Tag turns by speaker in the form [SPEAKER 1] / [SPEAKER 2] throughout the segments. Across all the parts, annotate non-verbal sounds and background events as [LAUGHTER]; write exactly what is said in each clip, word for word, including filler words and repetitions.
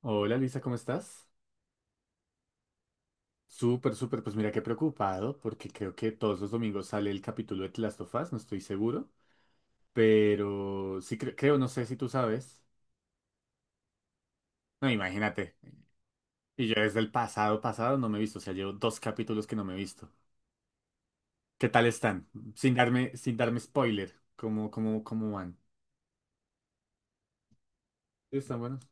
[SPEAKER 1] Hola Luisa, ¿cómo estás? Súper, súper, pues mira que preocupado porque creo que todos los domingos sale el capítulo de The Last of Us, no estoy seguro, pero sí cre- creo, no sé si tú sabes. No, imagínate. Y yo desde el pasado pasado no me he visto, o sea, llevo dos capítulos que no me he visto. ¿Qué tal están? Sin darme, sin darme spoiler, ¿cómo, cómo, cómo van? ¿Sí? ¿Están buenos?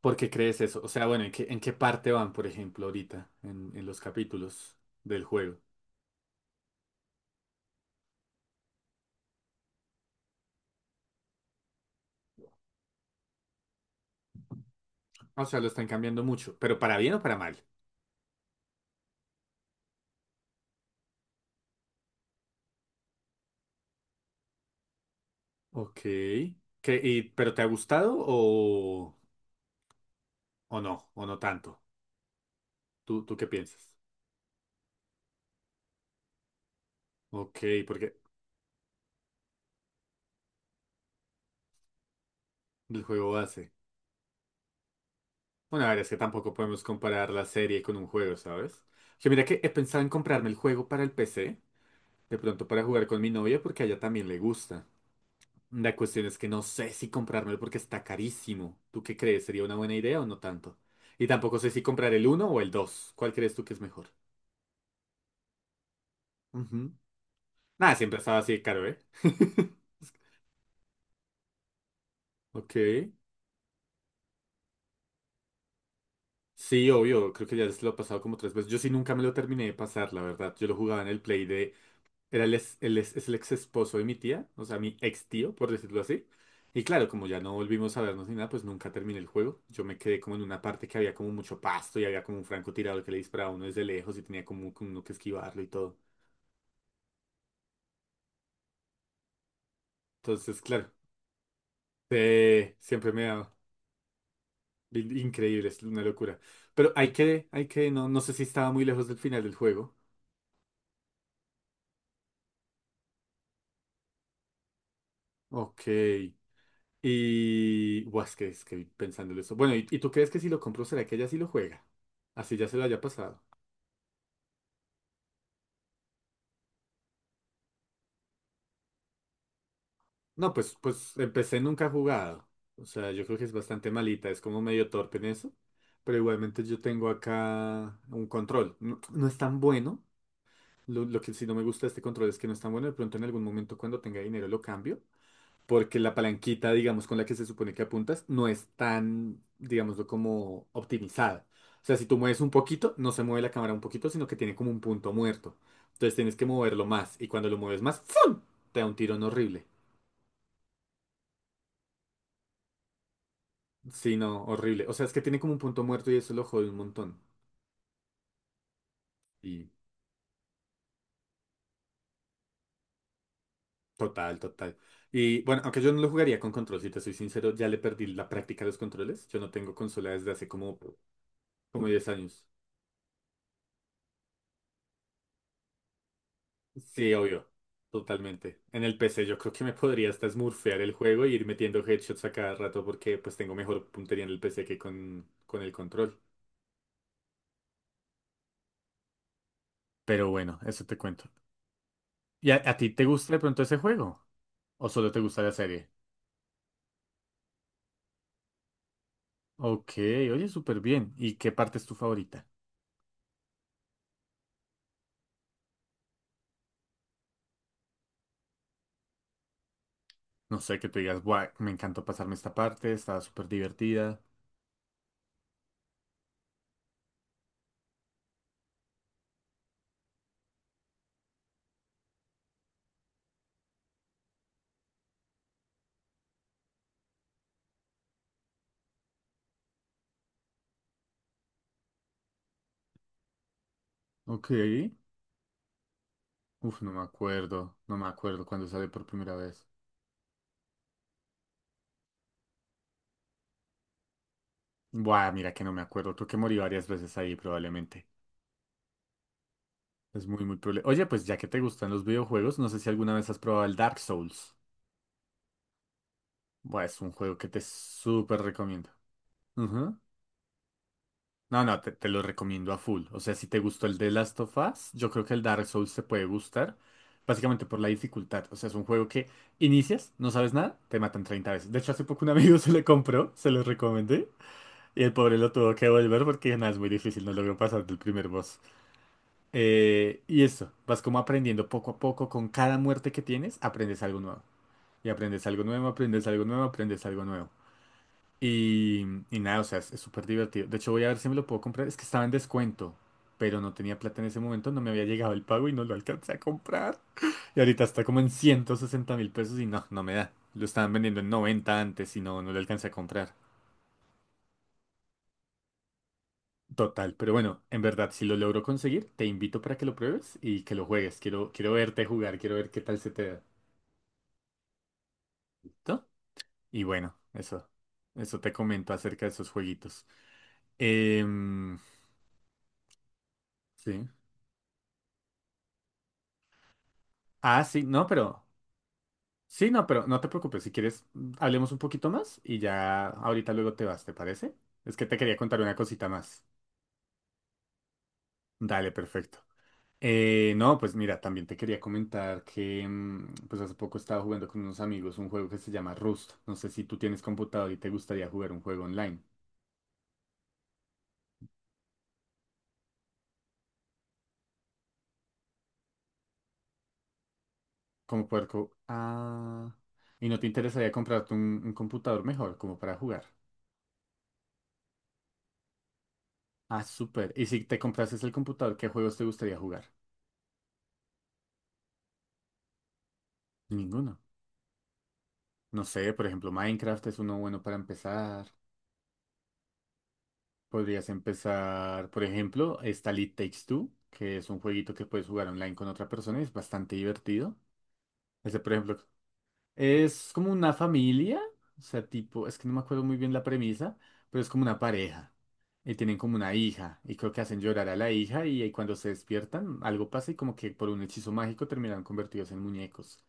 [SPEAKER 1] ¿Por qué crees eso? O sea, bueno, ¿en qué, en qué parte van, por ejemplo, ahorita en, en los capítulos del juego? O sea, lo están cambiando mucho, pero para bien o para mal. Ok. ¿Qué- y- pero te ha gustado o, o no? ¿O no tanto? ¿Tú, tú qué piensas? Ok, porque el juego base. Bueno, a ver, es que tampoco podemos comparar la serie con un juego, ¿sabes? Que mira que he pensado en comprarme el juego para el P C, de pronto para jugar con mi novia porque a ella también le gusta. La cuestión es que no sé si comprármelo porque está carísimo. ¿Tú qué crees? ¿Sería una buena idea o no tanto? Y tampoco sé si comprar el uno o el dos. ¿Cuál crees tú que es mejor? Ujú. Nada, siempre estaba así de caro, ¿eh? [LAUGHS] Ok. Sí, obvio, creo que ya se lo he pasado como tres veces. Yo sí nunca me lo terminé de pasar, la verdad. Yo lo jugaba en el Play de... Era el, ex- el, ex- es el ex esposo de mi tía, o sea, mi ex tío, por decirlo así. Y claro, como ya no volvimos a vernos ni nada, pues nunca terminé el juego. Yo me quedé como en una parte que había como mucho pasto y había como un francotirador que le disparaba a uno desde lejos y tenía como, como uno que esquivarlo y todo. Entonces, claro, eh, siempre me ha... in- Increíble, es una locura. Pero hay que, hay que, no, no sé si estaba muy lejos del final del juego. Ok. Y, buah, es que, es que pensándolo eso. Bueno, ¿y, y tú crees que si lo compro, será que ella sí lo juega? Así ya se lo haya pasado. No, pues, pues empecé nunca ha jugado. O sea, yo creo que es bastante malita, es como medio torpe en eso. Pero igualmente yo tengo acá un control. No, no es tan bueno. Lo, lo que sí no me gusta de este control es que no es tan bueno. De pronto en algún momento cuando tenga dinero lo cambio. Porque la palanquita, digamos, con la que se supone que apuntas, no es tan, digámoslo, como optimizada. O sea, si tú mueves un poquito, no se mueve la cámara un poquito, sino que tiene como un punto muerto. Entonces tienes que moverlo más, y cuando lo mueves más, ¡fum! Te da un tirón horrible. Sí, no, horrible. O sea, es que tiene como un punto muerto y eso lo jode un montón. Y total, total. Y bueno, aunque yo no lo jugaría con control, si te soy sincero, ya le perdí la práctica a los controles. Yo no tengo consola desde hace como, como diez años. Sí, obvio. Totalmente. En el P C yo creo que me podría hasta smurfear el juego y ir metiendo headshots a cada rato porque pues tengo mejor puntería en el P C que con, con el control. Pero bueno, eso te cuento. ¿Y a, a ti te gusta de pronto ese juego? ¿O solo te gusta la serie? Ok, oye, súper bien. ¿Y qué parte es tu favorita? No sé, que tú digas, guau, me encantó pasarme esta parte, estaba súper divertida. Ok. Uf, no me acuerdo. No me acuerdo cuando sale por primera vez. Buah, mira que no me acuerdo. Creo que morí varias veces ahí probablemente. Es muy, muy probable. Oye, pues ya que te gustan los videojuegos, no sé si alguna vez has probado el Dark Souls. Buah, es un juego que te súper recomiendo. Ujú. No, no, te, te lo recomiendo a full. O sea, si te gustó el de Last of Us, yo creo que el Dark Souls te puede gustar. Básicamente por la dificultad. O sea, es un juego que inicias, no sabes nada, te matan treinta veces. De hecho, hace poco un amigo [LAUGHS] se le compró, se lo recomendé. Y el pobre lo tuvo que volver porque nada, es muy difícil, no logró pasar del primer boss. Eh, y eso, vas como aprendiendo poco a poco, con cada muerte que tienes, aprendes algo nuevo. Y, aprendes algo nuevo, aprendes algo nuevo, aprendes algo nuevo. Y, y nada, o sea, es es súper divertido. De hecho, voy a ver si me lo puedo comprar. Es que estaba en descuento, pero no tenía plata en ese momento, no me había llegado el pago y no lo alcancé a comprar. Y ahorita está como en ciento sesenta mil pesos y no, no me da. Lo estaban vendiendo en noventa antes y no, no lo alcancé a comprar. Total, pero bueno, en verdad, si lo logro conseguir, te invito para que lo pruebes y que lo juegues. Quiero, quiero verte jugar, quiero ver qué tal se te da. ¿Listo? Y bueno, eso, eso te comento acerca de esos jueguitos. Em, sí. Ah, sí, no, pero. Sí, no, pero no te preocupes. Si quieres, mm, hablemos un poquito más y ya ahorita luego te vas, ¿te parece? Es que te quería contar una cosita más. Dale, perfecto. Eh, no, pues mira, también te quería comentar que mm, pues hace poco estaba jugando con unos amigos un juego que se llama Rust. No sé si tú tienes computador y te gustaría jugar un juego online. Como puerco. Ah. ¿Y no te interesaría comprarte un, un computador mejor como para jugar? Ah, súper. ¿Y si te comprases el computador, qué juegos te gustaría jugar? Ninguno. No sé, por ejemplo, Minecraft es uno bueno para empezar. Podrías empezar, por ejemplo, está It Takes Two, que es un jueguito que puedes jugar online con otra persona y es bastante divertido. Ese, por ejemplo, es como una familia, o sea, tipo, es que no me acuerdo muy bien la premisa, pero es como una pareja. Y tienen como una hija, y creo que hacen llorar a la hija, y, ahí cuando se despiertan, algo pasa y como que por un hechizo mágico terminan convertidos en muñecos.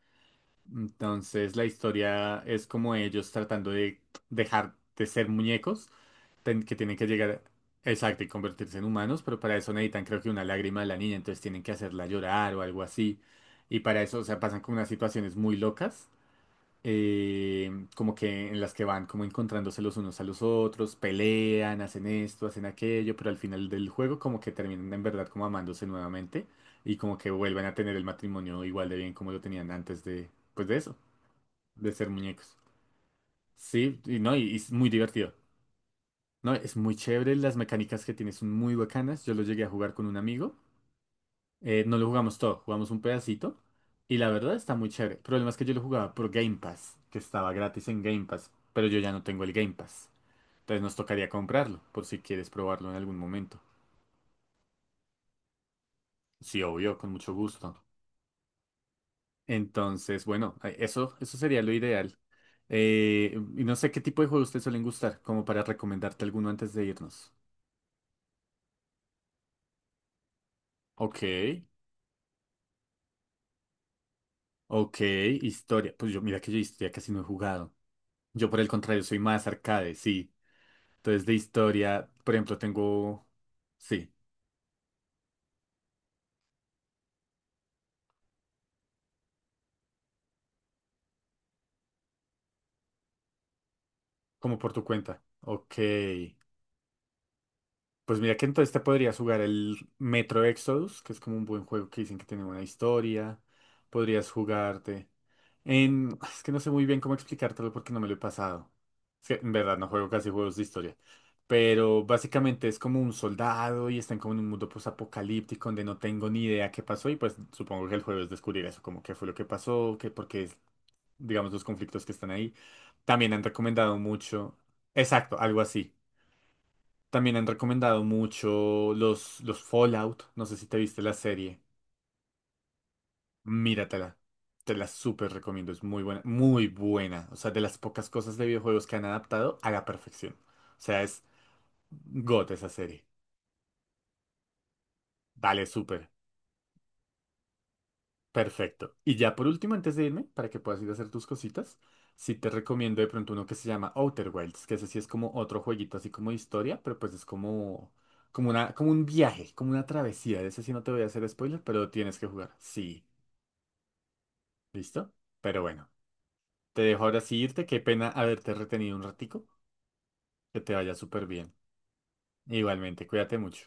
[SPEAKER 1] Entonces la historia es como ellos tratando de dejar de ser muñecos, ten- que tienen que llegar, exacto, y convertirse en humanos, pero para eso necesitan creo que una lágrima de la niña, entonces tienen que hacerla llorar o algo así. Y para eso, o sea, pasan como unas situaciones muy locas, eh, como que en las que van como encontrándose los unos a los otros, pelean, hacen esto, hacen aquello, pero al final del juego como que terminan en verdad como amándose nuevamente y como que vuelven a tener el matrimonio igual de bien como lo tenían antes de, pues de eso de ser muñecos. Sí, y no, y, y es muy divertido. No, es muy chévere, las mecánicas que tiene son muy bacanas. Yo lo llegué a jugar con un amigo. Eh, no lo jugamos todo, jugamos un pedacito. Y la verdad está muy chévere. El problema es que yo lo jugaba por Game Pass, que estaba gratis en Game Pass, pero yo ya no tengo el Game Pass. Entonces nos tocaría comprarlo, por si quieres probarlo en algún momento. Sí, obvio, con mucho gusto. Entonces, bueno, eh, eso, eso sería lo ideal. Eh, y no sé qué tipo de juegos te suelen gustar, como para recomendarte alguno antes de irnos. Ok. Ok, historia. Pues yo, mira que yo historia casi no he jugado. Yo por el contrario soy más arcade, sí. Entonces de historia, por ejemplo, tengo... Sí, como por tu cuenta. Ok. Pues mira que entonces te podrías jugar el Metro Exodus, que es como un buen juego que dicen que tiene buena historia. Podrías jugarte en... Es que no sé muy bien cómo explicártelo porque no me lo he pasado. Es que en verdad no juego casi juegos de historia. Pero básicamente es como un soldado y están como en un mundo posapocalíptico donde no tengo ni idea qué pasó y pues supongo que el juego es descubrir eso, como qué fue lo que pasó, qué, porque es, digamos, los conflictos que están ahí. También han recomendado mucho. Exacto, algo así. También han recomendado mucho los, los Fallout. No sé si te viste la serie. Míratela. Te la súper recomiendo. Es muy buena. Muy buena. O sea, de las pocas cosas de videojuegos que han adaptado a la perfección. O sea, es G O T esa serie. Dale, súper. Perfecto. Y ya por último, antes de irme, para que puedas ir a hacer tus cositas, sí te recomiendo de pronto uno que se llama Outer Wilds, que ese sí es como otro jueguito así como de historia, pero pues es como, como, una, como un viaje, como una travesía. De ese sí no te voy a hacer spoiler, pero lo tienes que jugar. Sí, ¿listo? Pero bueno, te dejo ahora sí irte. Qué pena haberte retenido un ratico. Que te vaya súper bien. Igualmente, cuídate mucho.